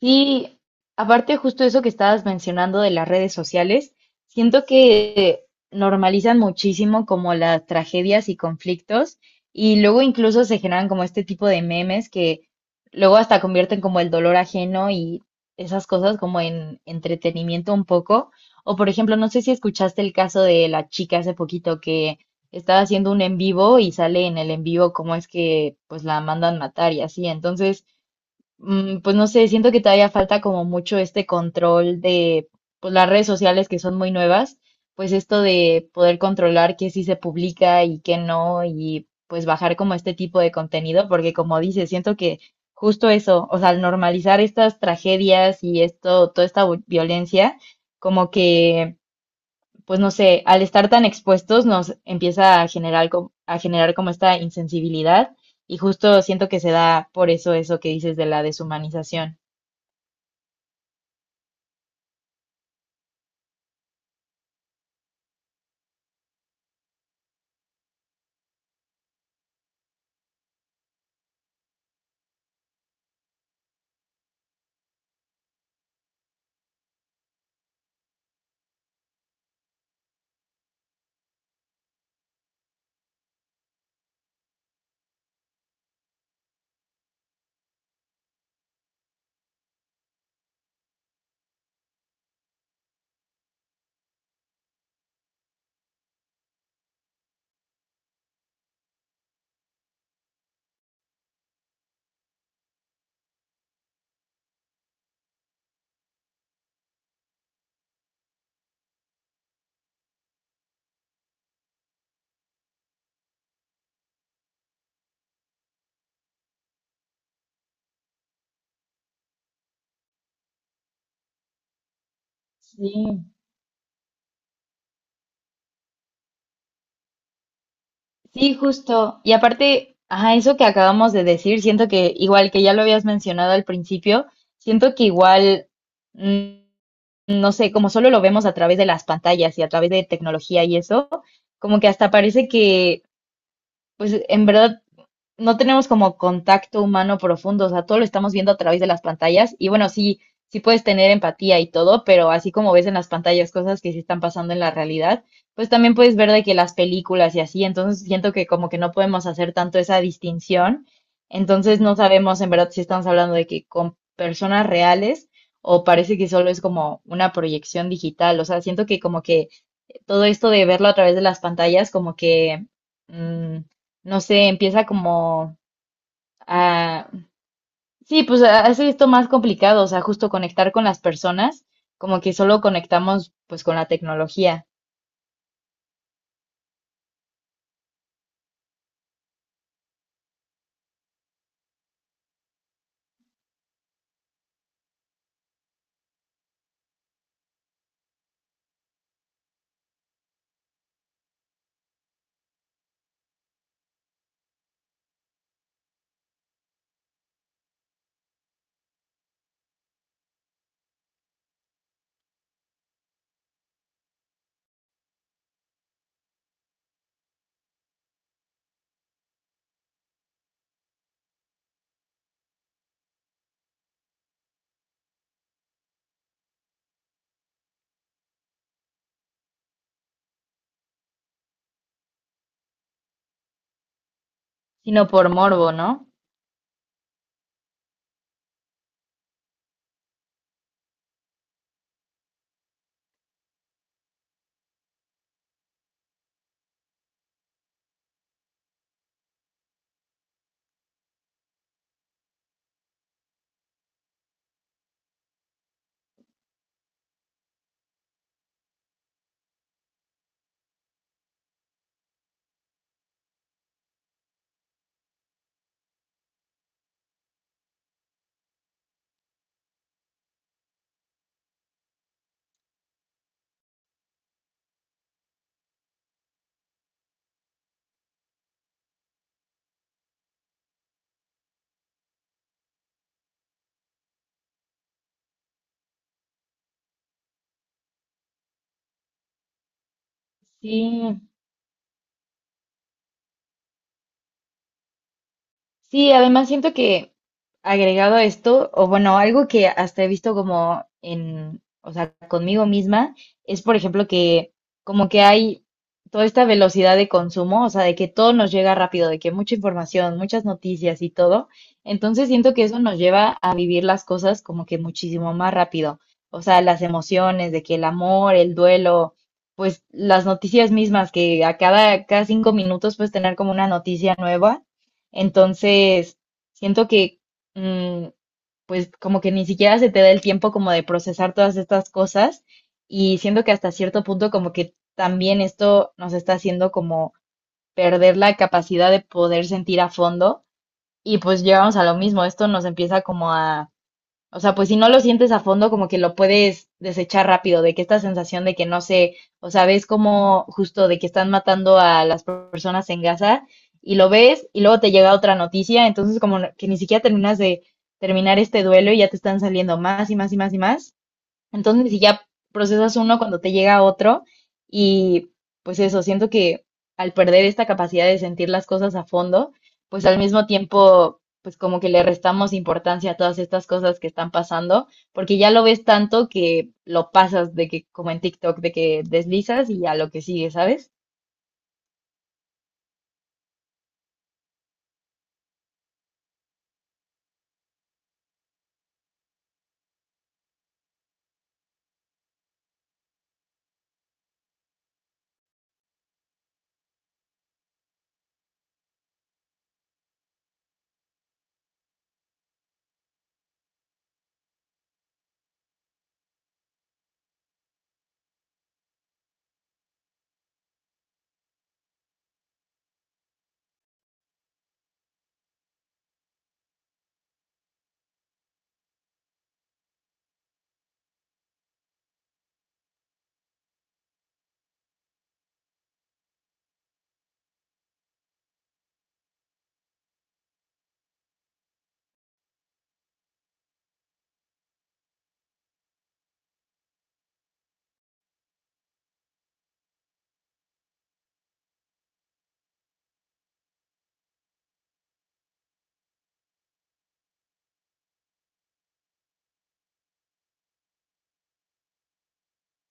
Sí, aparte justo eso que estabas mencionando de las redes sociales, siento que normalizan muchísimo como las tragedias y conflictos, y luego incluso se generan como este tipo de memes que luego hasta convierten como el dolor ajeno y esas cosas como en entretenimiento un poco. O por ejemplo, no sé si escuchaste el caso de la chica hace poquito que estaba haciendo un en vivo y sale en el en vivo cómo es que pues la mandan matar y así. Entonces pues no sé, siento que todavía falta como mucho este control de, pues, las redes sociales, que son muy nuevas, pues esto de poder controlar qué sí se publica y qué no, y pues bajar como este tipo de contenido, porque como dices, siento que justo eso, o sea, al normalizar estas tragedias y esto, toda esta violencia, como que pues no sé, al estar tan expuestos nos empieza a generar, a generar como esta insensibilidad, y justo siento que se da por eso eso que dices de la deshumanización. Sí. Sí, justo. Y aparte, ajá, eso que acabamos de decir, siento que igual que ya lo habías mencionado al principio, siento que igual, mm, no sé, como solo lo vemos a través de las pantallas y a través de tecnología y eso, como que hasta parece que, pues en verdad no tenemos como contacto humano profundo, o sea, todo lo estamos viendo a través de las pantallas y bueno, sí, sí puedes tener empatía y todo, pero así como ves en las pantallas cosas que sí están pasando en la realidad, pues también puedes ver de que las películas y así, entonces siento que como que no podemos hacer tanto esa distinción, entonces no sabemos en verdad si estamos hablando de que con personas reales o parece que solo es como una proyección digital, o sea, siento que como que todo esto de verlo a través de las pantallas como que... mm, no sé, empieza como... Ah, sí, pues hace esto más complicado, o sea, justo conectar con las personas, como que solo conectamos pues con la tecnología, sino por morbo, ¿no? Sí. Sí, además siento que, agregado a esto, o bueno, algo que hasta he visto como en, o sea, conmigo misma, es por ejemplo que como que hay toda esta velocidad de consumo, o sea, de que todo nos llega rápido, de que mucha información, muchas noticias y todo. Entonces siento que eso nos lleva a vivir las cosas como que muchísimo más rápido. O sea, las emociones, de que el amor, el duelo, pues las noticias mismas, que a cada, cada 5 minutos puedes tener como una noticia nueva. Entonces, siento que, mm, pues como que ni siquiera se te da el tiempo como de procesar todas estas cosas, y siento que hasta cierto punto como que también esto nos está haciendo como perder la capacidad de poder sentir a fondo, y pues llegamos a lo mismo, esto nos empieza como a... O sea, pues si no lo sientes a fondo, como que lo puedes desechar rápido, de que esta sensación de que no sé, o sea, ves como justo de que están matando a las personas en Gaza y lo ves y luego te llega otra noticia, entonces como que ni siquiera terminas de terminar este duelo y ya te están saliendo más y más y más y más. Entonces, si ya procesas uno cuando te llega otro, y pues eso, siento que al perder esta capacidad de sentir las cosas a fondo, pues al mismo tiempo, pues como que le restamos importancia a todas estas cosas que están pasando, porque ya lo ves tanto que lo pasas de que como en TikTok, de que deslizas y a lo que sigue, ¿sabes?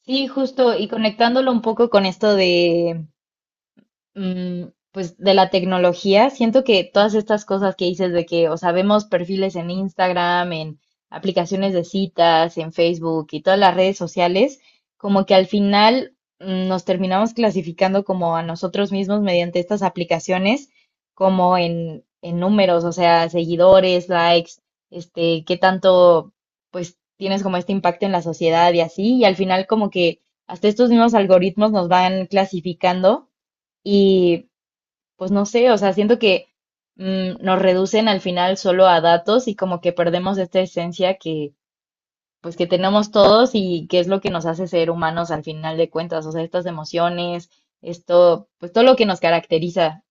Sí, justo, y conectándolo un poco con esto de, pues de la tecnología, siento que todas estas cosas que dices de que, o sea, vemos perfiles en Instagram, en aplicaciones de citas, en Facebook y todas las redes sociales, como que al final nos terminamos clasificando como a nosotros mismos mediante estas aplicaciones, como en números, o sea, seguidores, likes, este, qué tanto, pues, tienes como este impacto en la sociedad y así, y al final como que hasta estos mismos algoritmos nos van clasificando. Y pues no sé, o sea, siento que nos reducen al final solo a datos y como que perdemos esta esencia que pues que tenemos todos y que es lo que nos hace ser humanos al final de cuentas, o sea, estas emociones, esto, pues todo lo que nos caracteriza.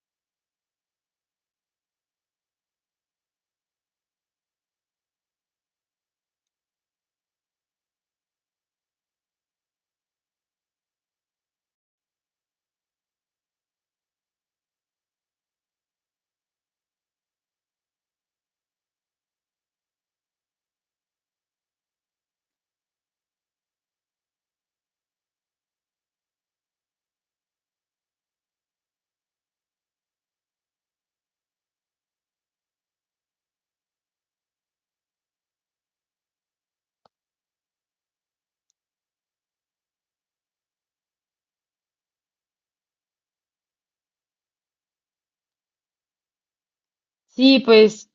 Sí, pues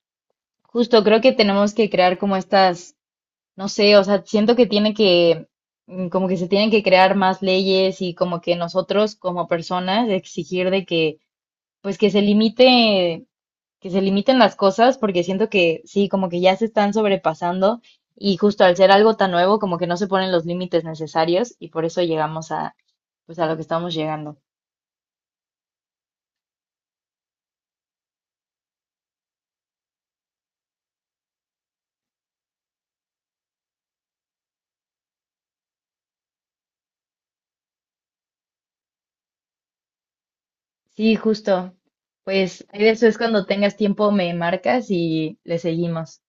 justo creo que tenemos que crear como estas, no sé, o sea, siento que tiene que, como que se tienen que crear más leyes y como que nosotros como personas exigir de que, pues que se limite, que se limiten las cosas, porque siento que sí, como que ya se están sobrepasando, y justo al ser algo tan nuevo, como que no se ponen los límites necesarios y por eso llegamos a, pues, a lo que estamos llegando. Sí, justo. Pues ahí de eso, es cuando tengas tiempo me marcas y le seguimos.